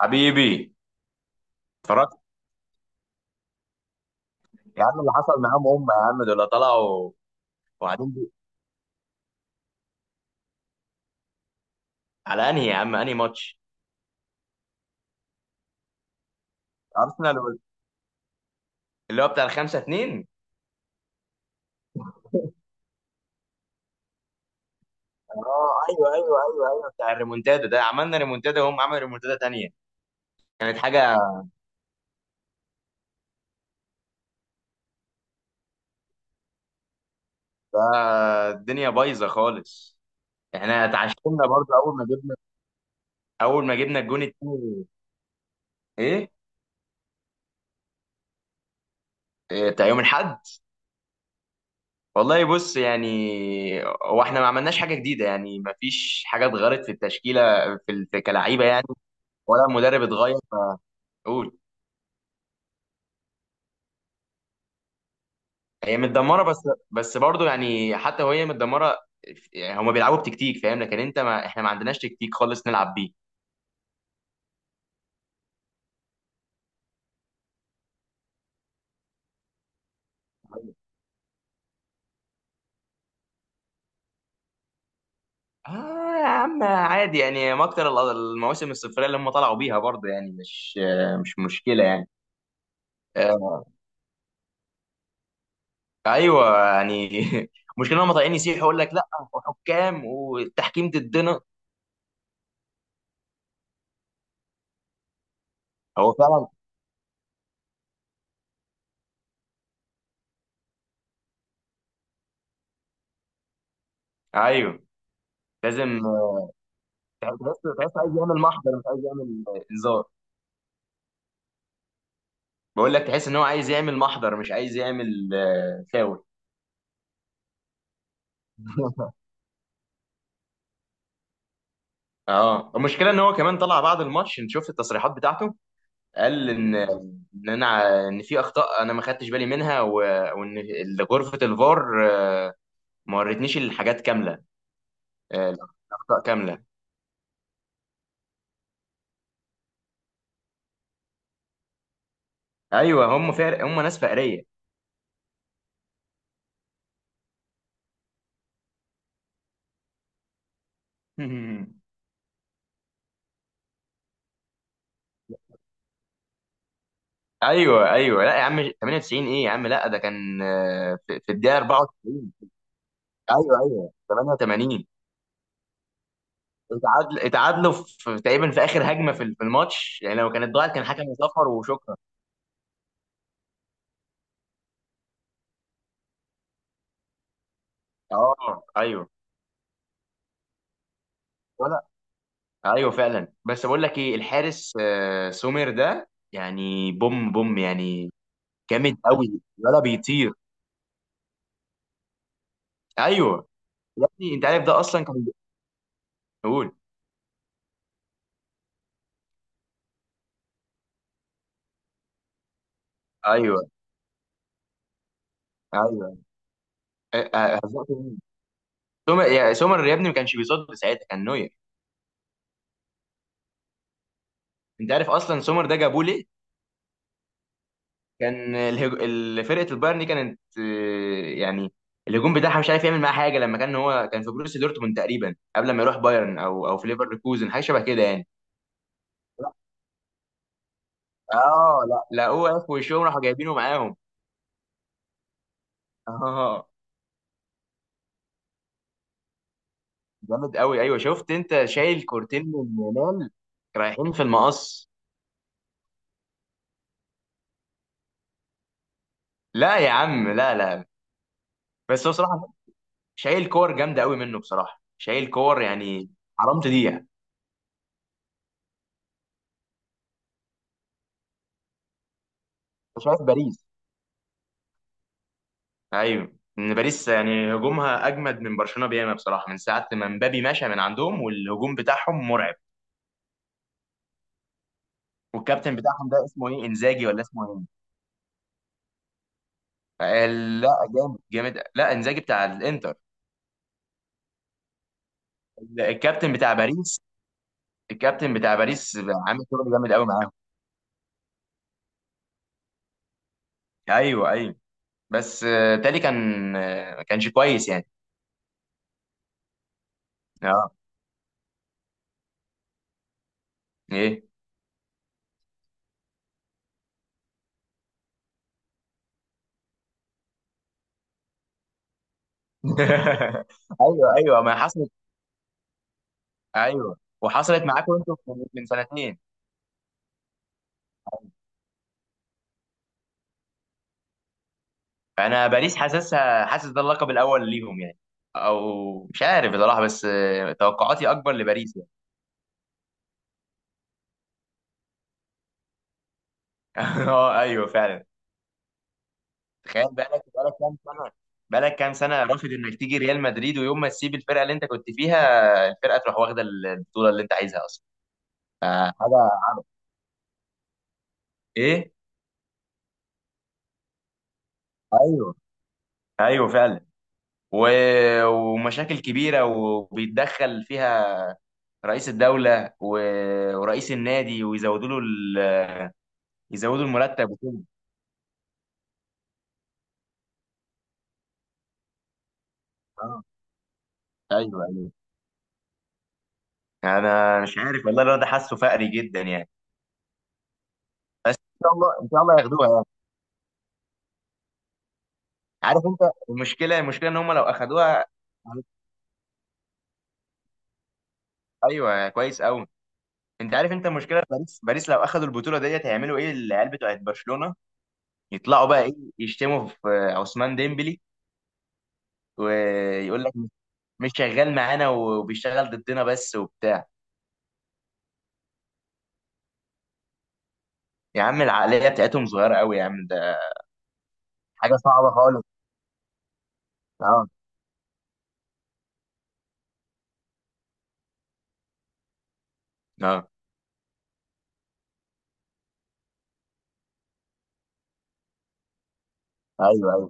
حبيبي. اتفرجت. يا عم اللي حصل معاهم هم يا عم دول طلعوا وقاعدين بي- على انهي يا عم انهي ماتش ارسنال وال- اللي هو بتاع الخمسة اتنين. اه ايوه بتاع الريمونتادا ده، عملنا ريمونتادا وهم عملوا ريمونتادا تانية، كانت حاجة. الدنيا بايظة خالص. احنا اتعشمنا برضه اول ما جبنا، اول ما جبنا الجون التاني. ايه؟ بتاع يوم الاحد. والله بص يعني هو احنا ما عملناش حاجه جديده، يعني ما فيش حاجه اتغيرت في التشكيله، في كلاعيبه يعني، ولا المدرب اتغير. قول. هي متدمره بس، بس برضه يعني حتى وهي متدمره، يعني هما بيلعبوا بتكتيك فاهم، لكن انت ما احنا ما عندناش تكتيك خالص نلعب بيه. اه يا عم عادي يعني، ما اكتر ال- المواسم الصفريه اللي هم طلعوا بيها برضه يعني، مش مشكله يعني. آه ايوه يعني مشكله هم طالعين يسيحوا يقول لك لا، وحكام والتحكيم ضدنا. هو فعلا. ايوه لازم. تحس عايز يعمل محضر مش عايز يعمل انذار. بقول لك تحس ان هو عايز يعمل محضر مش عايز يعمل، فاول. اه المشكله ان هو كمان طلع بعد الماتش، انت شفت التصريحات بتاعته؟ قال ان، ان انا ان في اخطاء انا ما خدتش بالي منها و... وان ال- غرفه الفار ما ورتنيش الحاجات كامله، الاخطاء كامله. ايوه هم فارق، هم ناس فقريه. ايوه ايوه، لا يا عم 98 ايه يا عم؟ لا ده كان في الدقيقه 94. ايوه ايوه 88. اتعادل، اتعادلوا في تقريبا في اخر هجمه في الماتش يعني، لو كانت ضاعت كان حكم صفر وشكرا. اه ايوه، ولا. ايوه فعلا بس بقول لك ايه، الحارس سومير ده يعني بوم بوم يعني، جامد قوي، ولا بيطير. ايوه. يا ابني انت عارف ده اصلا كان بيقول. ايوه ايوه. هزقت مين؟ سومر؟ يا سومر يا ابني ما كانش بيصد ساعتها، كان نوير. انت عارف اصلا سومر ده جابوه ليه؟ كان الهج... ال- فرقه البايرن دي كانت يعني الهجوم بتاعها مش عارف يعمل معاها حاجه، لما كان هو كان في بروسيا دورتموند تقريبا قبل ما يروح بايرن، او في ليفركوزن، حاجه شبه كده يعني. اه لا لقوه في وشهم راحوا جايبينه معاهم. اه جامد قوي. ايوه شفت انت شايل كورتين من يامال رايحين في المقص. لا يا عم، لا لا. بس هو بصراحه شايل كور جامده قوي منه، بصراحه شايل كور يعني، حرام تضيع. أنت شايف باريس؟ ايوه، ان باريس يعني هجومها اجمد من برشلونه بياما بصراحه، من ساعه ما مبابي مشى من عندهم والهجوم بتاعهم مرعب. والكابتن بتاعهم ده اسمه ايه، انزاجي ولا اسمه ايه؟ لا. جامد لا، انزاجي بتاع الانتر. الكابتن بتاع باريس. الكابتن بتاع باريس عامل شغل جامد قوي معاهم. ايوه ايوه، بس تالي كان ما كانش كويس يعني. اه ايه. ايوه ايوه ما حصلت. ايوه وحصلت معاكم انتوا من سنتين. انا باريس حاسسها، حاسس ده اللقب الاول ليهم يعني، او مش عارف بصراحه، بس توقعاتي اكبر لباريس يعني. اه ايوه فعلا. تخيل، بقالك كام سنه، بقالك كام سنه رافض انك تيجي ريال مدريد، ويوم ما تسيب الفرقه اللي انت كنت فيها، الفرقه تروح واخده البطوله اللي انت عايزها اصلا. حاجه. ايه. ايوه ايوه فعلا. و... ومشاكل كبيره وبيتدخل فيها رئيس الدوله و... ورئيس النادي، ويزودوا له ال... يزودوا المرتب وكده. اه ايوه يعني، انا مش عارف والله، الواد ده حاسه فقري جدا يعني. بس ان شاء الله، ان شاء الله ياخدوها يعني. عارف انت المشكله، المشكله ان هم لو اخدوها. ايوه كويس قوي. انت عارف انت المشكله، باريس، باريس لو اخدوا البطوله ديت هيعملوا ايه العيال بتوعت برشلونه؟ يطلعوا بقى ايه؟ يشتموا في عثمان ديمبلي ويقول لك مش شغال معانا وبيشتغل ضدنا بس وبتاع. يا عم العقليه بتاعتهم صغيره قوي يا عم، ده حاجه صعبه خالص. اه اه ايوه ايوه.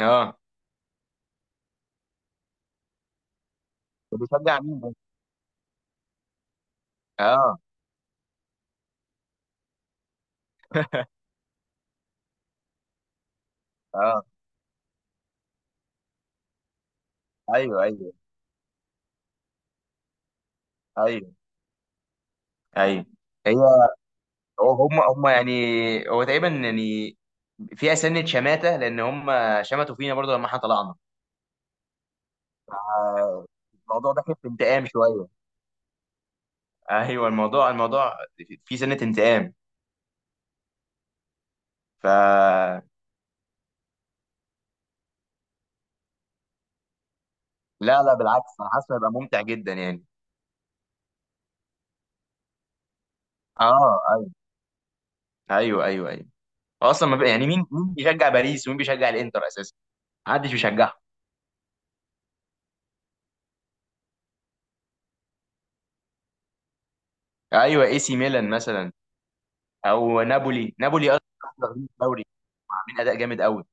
اه بيشجع مين ده؟ اه اه ايوه ايوه ايوه ايوه. هي، هم يعني هو تقريبا يعني فيها سنه شماته لان هم شمتوا فينا برضو لما احنا طلعنا. الموضوع داخل في انتقام شويه. ايوه الموضوع، الموضوع فيه سنه انتقام. ف، لا لا بالعكس، انا حاسس هيبقى ممتع جدا يعني. اه ايوه ايوه ايوه ايوه. اصلا ما بقى- يعني مين بيشجع باريس، ومين بيشجع الانتر اساسا؟ محدش بيشجعها. ايوه، اي سي ميلان مثلا. او نابولي، نابولي اصلا واخدين الدوري، عاملين اداء جامد قوي.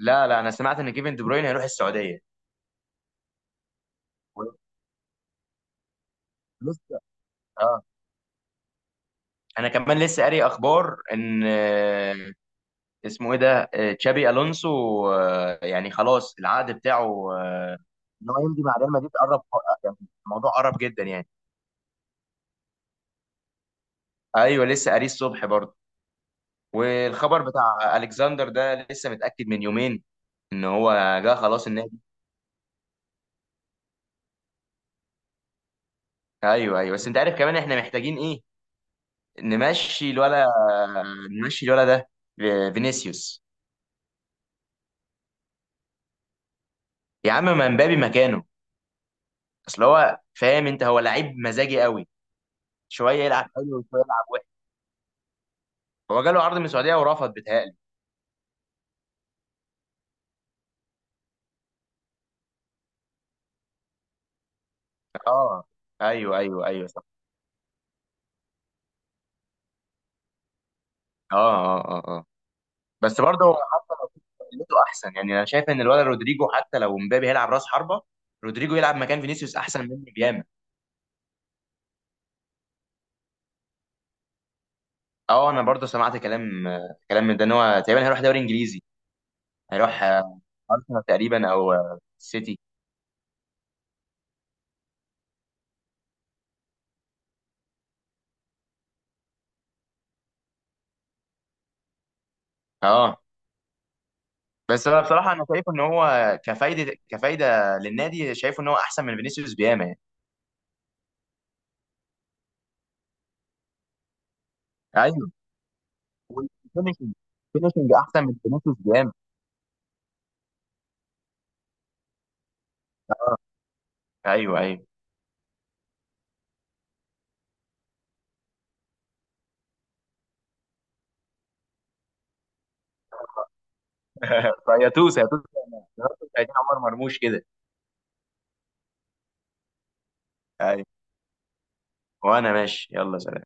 لا لا، انا سمعت ان كيفن دي بروين هيروح السعوديه. لسه. اه انا كمان لسه قاري اخبار ان اسمه ايه ده، تشابي الونسو، يعني خلاص العقد بتاعه ان هو يمضي مع ريال مدريد قرب يعني، الموضوع قرب جدا يعني. ايوه لسه قاريه الصبح برضه. والخبر بتاع الكسندر ده لسه متاكد من يومين ان هو جه خلاص النادي. ايوه ايوه بس انت عارف كمان احنا محتاجين ايه؟ نمشي الولا، نمشي الولا ده، فينيسيوس. يا عم ما مبابي مكانه، اصل هو فاهم انت، هو لعيب مزاجي قوي، شويه يلعب حلو وشويه يلعب وحش. هو جاله عرض من السعوديه ورفض بيتهيألي. اه ايوه ايوه ايوه صح. اه اه اه اه. بس برضه هو حتى لو قلته احسن يعني، انا شايف ان الولد رودريجو حتى لو مبابي هيلعب راس حربه، رودريجو يلعب مكان فينيسيوس احسن منه بياما. اه انا برضه سمعت كلام، كلام من ده ان هو تقريبا هيروح دوري انجليزي. هيروح ارسنال تقريبا، او سيتي. اه بس انا بصراحه انا شايف ان هو كفايده، كفايده للنادي، شايف ان هو احسن من فينيسيوس بياما يعني. ايوه والفينشنج، فينشنج احسن من فينيسيوس جامد. اه ايوه ايوه. فيا توس، يا توس عايزين عمر مرموش كده. ايوه. وانا ماشي يلا سلام.